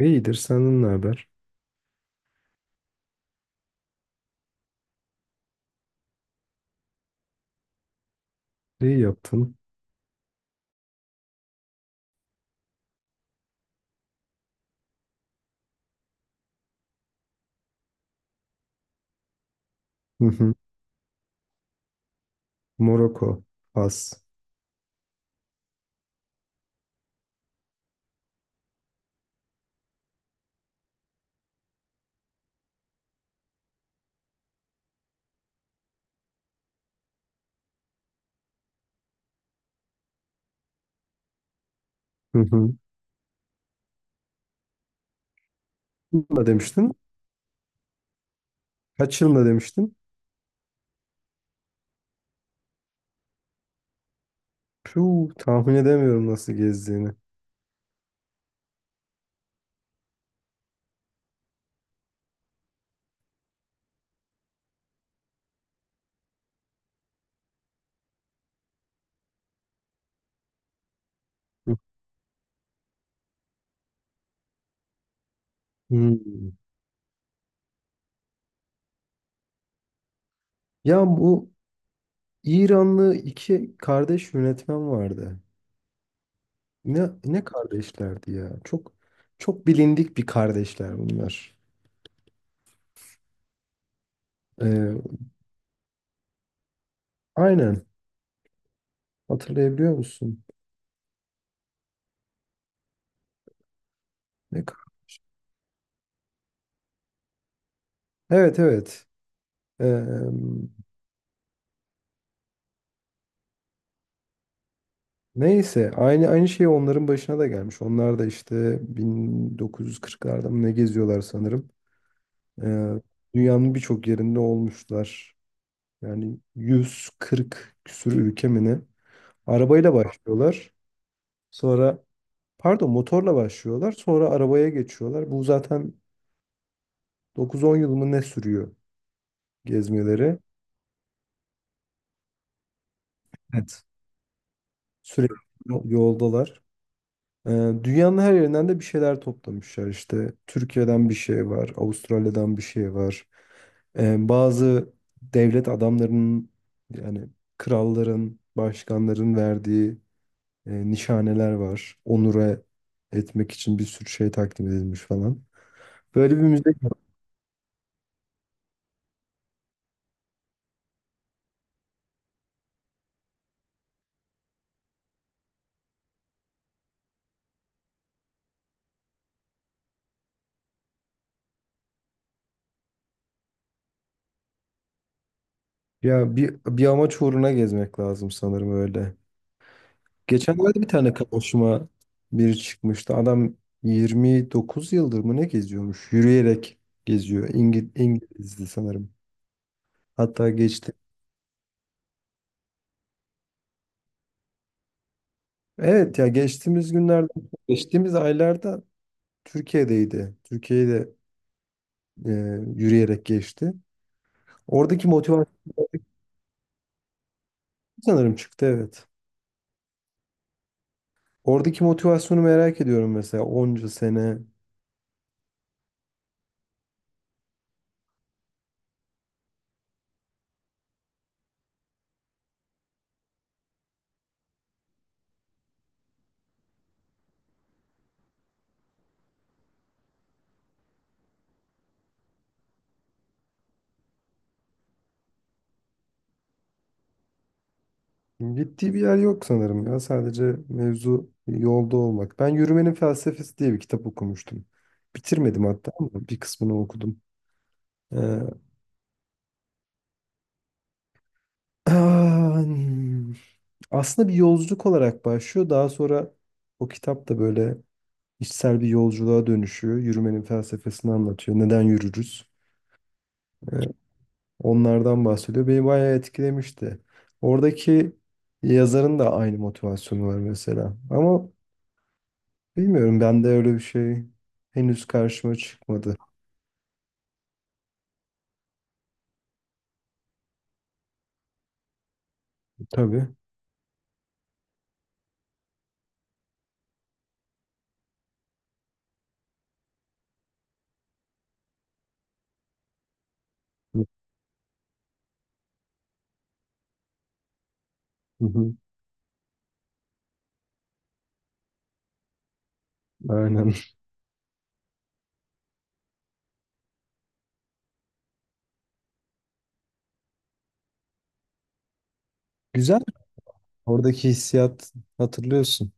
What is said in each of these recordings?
İyidir, senden ne haber? İyi yaptın. Hı hı. Moroko, Fas. Hı hı. Ne demiştin? Kaç yılında demiştin? Puh, tahmin edemiyorum nasıl gezdiğini. Hı. Hmm. Ya, bu İranlı iki kardeş yönetmen vardı. Ne kardeşlerdi ya? Çok çok bilindik bir kardeşler bunlar. Ee, aynen. Hatırlayabiliyor musun? Ne? Evet, evet. Ee, Neyse aynı şey onların başına da gelmiş. Onlar da işte 1940'larda mı ne geziyorlar sanırım. Ee, dünyanın birçok yerinde olmuşlar. Yani 140 küsur ülke mi ne? Arabayla başlıyorlar. Sonra pardon motorla başlıyorlar. Sonra arabaya geçiyorlar. Bu zaten 9-10 yıl mı ne sürüyor gezmeleri. Evet. Sürekli yoldalar. Ee, Dünyanın her yerinden de bir şeyler toplamışlar işte. Türkiye'den bir şey var, Avustralya'dan bir şey var. Bazı devlet adamlarının, yani kralların, başkanların verdiği nişaneler var. Onure etmek için bir sürü şey takdim edilmiş falan. Böyle bir müze... Ya, bir amaç uğruna gezmek lazım sanırım öyle. Geçenlerde bir tane karşıma biri çıkmıştı. Adam 29 yıldır mı ne geziyormuş? Yürüyerek geziyor. İngilizdi sanırım. Hatta geçti. Evet, ya geçtiğimiz günlerde, geçtiğimiz aylarda Türkiye'deydi. Türkiye'de e, yürüyerek geçti. Oradaki motivasyon... Sanırım çıktı, evet. Oradaki motivasyonu merak ediyorum mesela, onca sene... Gittiği bir yer yok sanırım ya. Sadece mevzu yolda olmak. Ben Yürümenin Felsefesi diye bir kitap okumuştum. Bitirmedim hatta ama bir kısmını okudum. Ee, Aslında bir yolculuk olarak başlıyor. Daha sonra o kitap da böyle içsel bir yolculuğa dönüşüyor. Yürümenin felsefesini anlatıyor. Neden yürürüz? Ee, onlardan bahsediyor. Beni bayağı etkilemişti. Oradaki yazarın da aynı motivasyonu var mesela. Ama bilmiyorum, ben de öyle bir şey henüz karşıma çıkmadı. Tabii. Hı hı. Aynen. Güzel. Oradaki hissiyat hatırlıyorsun.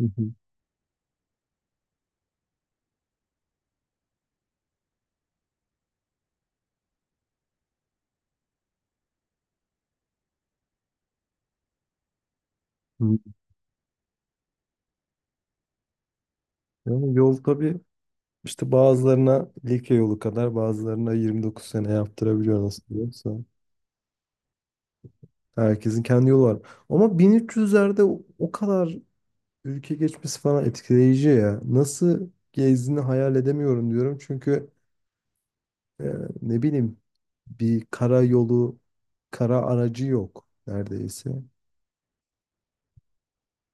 Hı hı. Hı. Yani yol tabii işte bazılarına Likya yolu kadar bazılarına 29 sene yaptırabiliyor nasıl diyorsa. Herkesin kendi yolu var. Ama 1300'lerde o kadar ülke geçmesi falan etkileyici ya. Nasıl gezdiğini hayal edemiyorum diyorum. Çünkü Ee, ne bileyim, bir kara yolu, kara aracı yok neredeyse.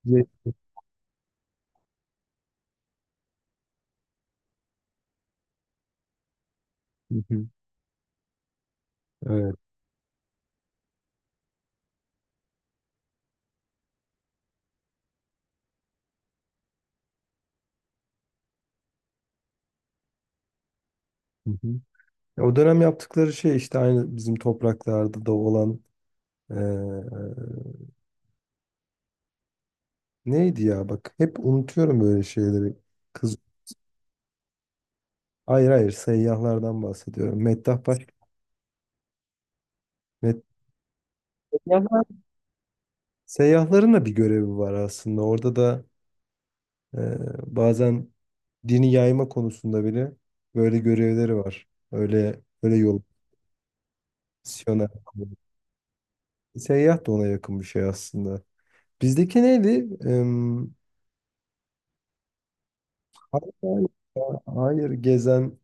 Ve- Hı hı, evet. Hı hı. Ya, o dönem yaptıkları şey işte aynı bizim topraklarda da olan, ee, neydi ya, bak, hep unutuyorum böyle şeyleri. Kız hayır, hayır, seyyahlardan bahsediyorum. Meddah Baş... Med- Seyyahlar. Seyyahların da bir görevi var aslında. Orada da, ee, bazen dini yayma konusunda bile böyle görevleri var. Öyle öyle yol... Siyon'a. Seyyah da ona yakın bir şey aslında. Bizdeki neydi? Em, hayır, hayır, hayır, gezen.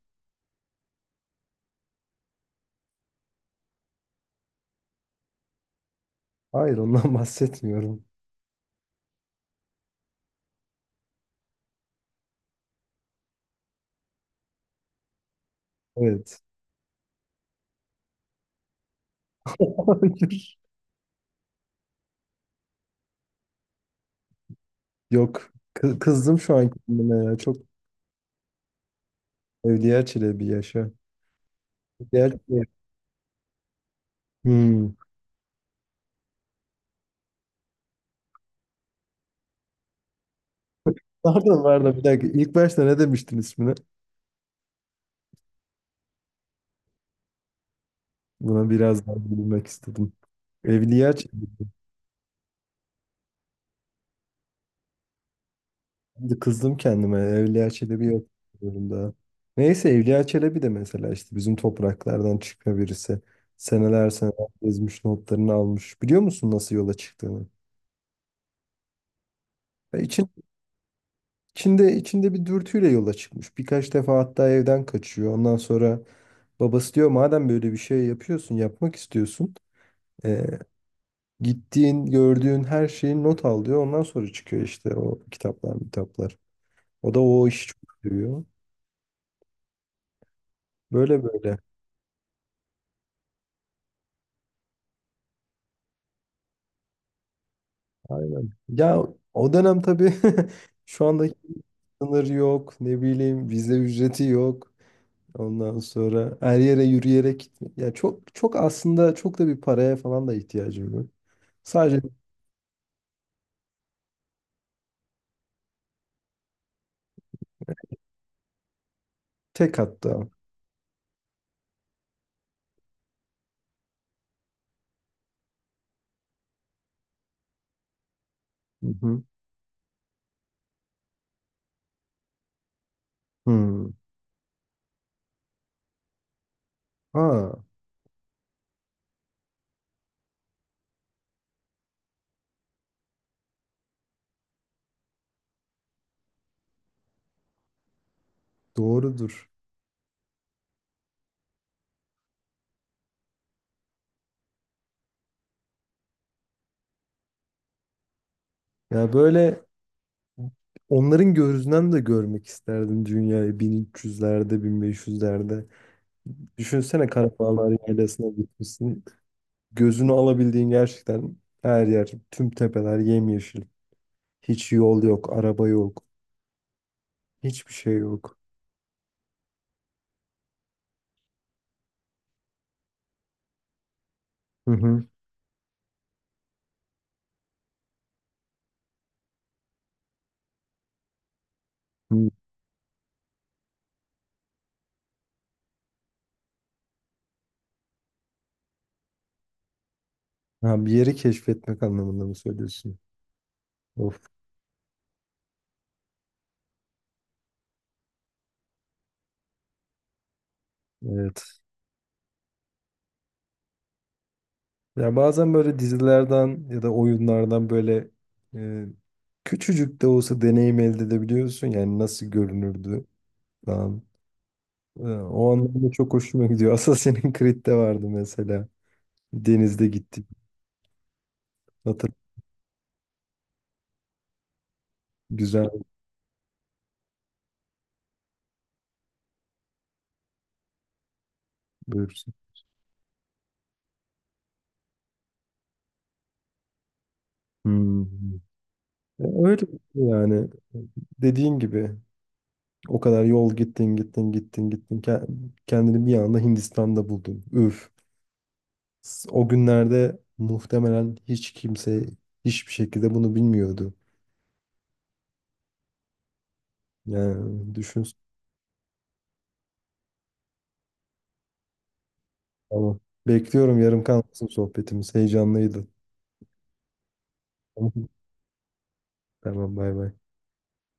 Hayır, ondan bahsetmiyorum. Evet. Hayır. Yok. Kızdım şu an kendime ya. Çok... Evliya Çelebi, yaşa! Evliya Çelebi. Hmm. Pardon, pardon, bir dakika. İlk başta ne demiştin ismini? Buna biraz daha bilmek istedim. Evliya Çelebi. Şimdi kızdım kendime. Evliya Çelebi yok durumda. Neyse Evliya Çelebi de mesela işte bizim topraklardan çıkma birisi. Seneler seneler gezmiş, notlarını almış. Biliyor musun nasıl yola çıktığını? Ya, içinde bir dürtüyle yola çıkmış. Birkaç defa hatta evden kaçıyor. Ondan sonra babası diyor madem böyle bir şey yapıyorsun, yapmak istiyorsun. e, gittiğin, gördüğün her şeyi not al diyor. Ondan sonra çıkıyor işte o kitaplar, kitaplar. O da o işi çok seviyor. Böyle böyle. Aynen. Ya, o dönem tabii, şu andaki sınır yok. Ne bileyim vize ücreti yok. Ondan sonra her yere yürüyerek gitme. Ya, çok çok aslında, çok da bir paraya falan da ihtiyacım yok. Sadece tek... hatta. Hı hı. Hmm. Ha, doğrudur. Ya, böyle onların gözünden de görmek isterdim dünyayı, bin üç yüzlerde, 1500'lerde... Düşünsene, Karabağlar Yaylası'na gitmişsin. Gözünü alabildiğin gerçekten her yer, tüm tepeler yemyeşil. Hiç yol yok, araba yok, hiçbir şey yok. Hı hı. Hı. Ha, bir yeri keşfetmek anlamında mı söylüyorsun? Of, evet. Ya, bazen böyle dizilerden ya da oyunlardan böyle, e, küçücük de olsa deneyim elde edebiliyorsun. Yani nasıl görünürdü falan. O anlamda çok hoşuma gidiyor. Assassin's Creed'de vardı mesela. Denizde gittik. Hatır... güzel. Buyursun. Hmm. Öyle yani dediğin gibi. O kadar yol gittin gittin gittin gittin. Kendini bir anda Hindistan'da buldun. Üf. O günlerde muhtemelen hiç kimse hiçbir şekilde bunu bilmiyordu. Yani düşün. Tamam. Bekliyorum, yarım kalmasın sohbetimiz. Heyecanlıydı. Tamam. Tamam, bay bay.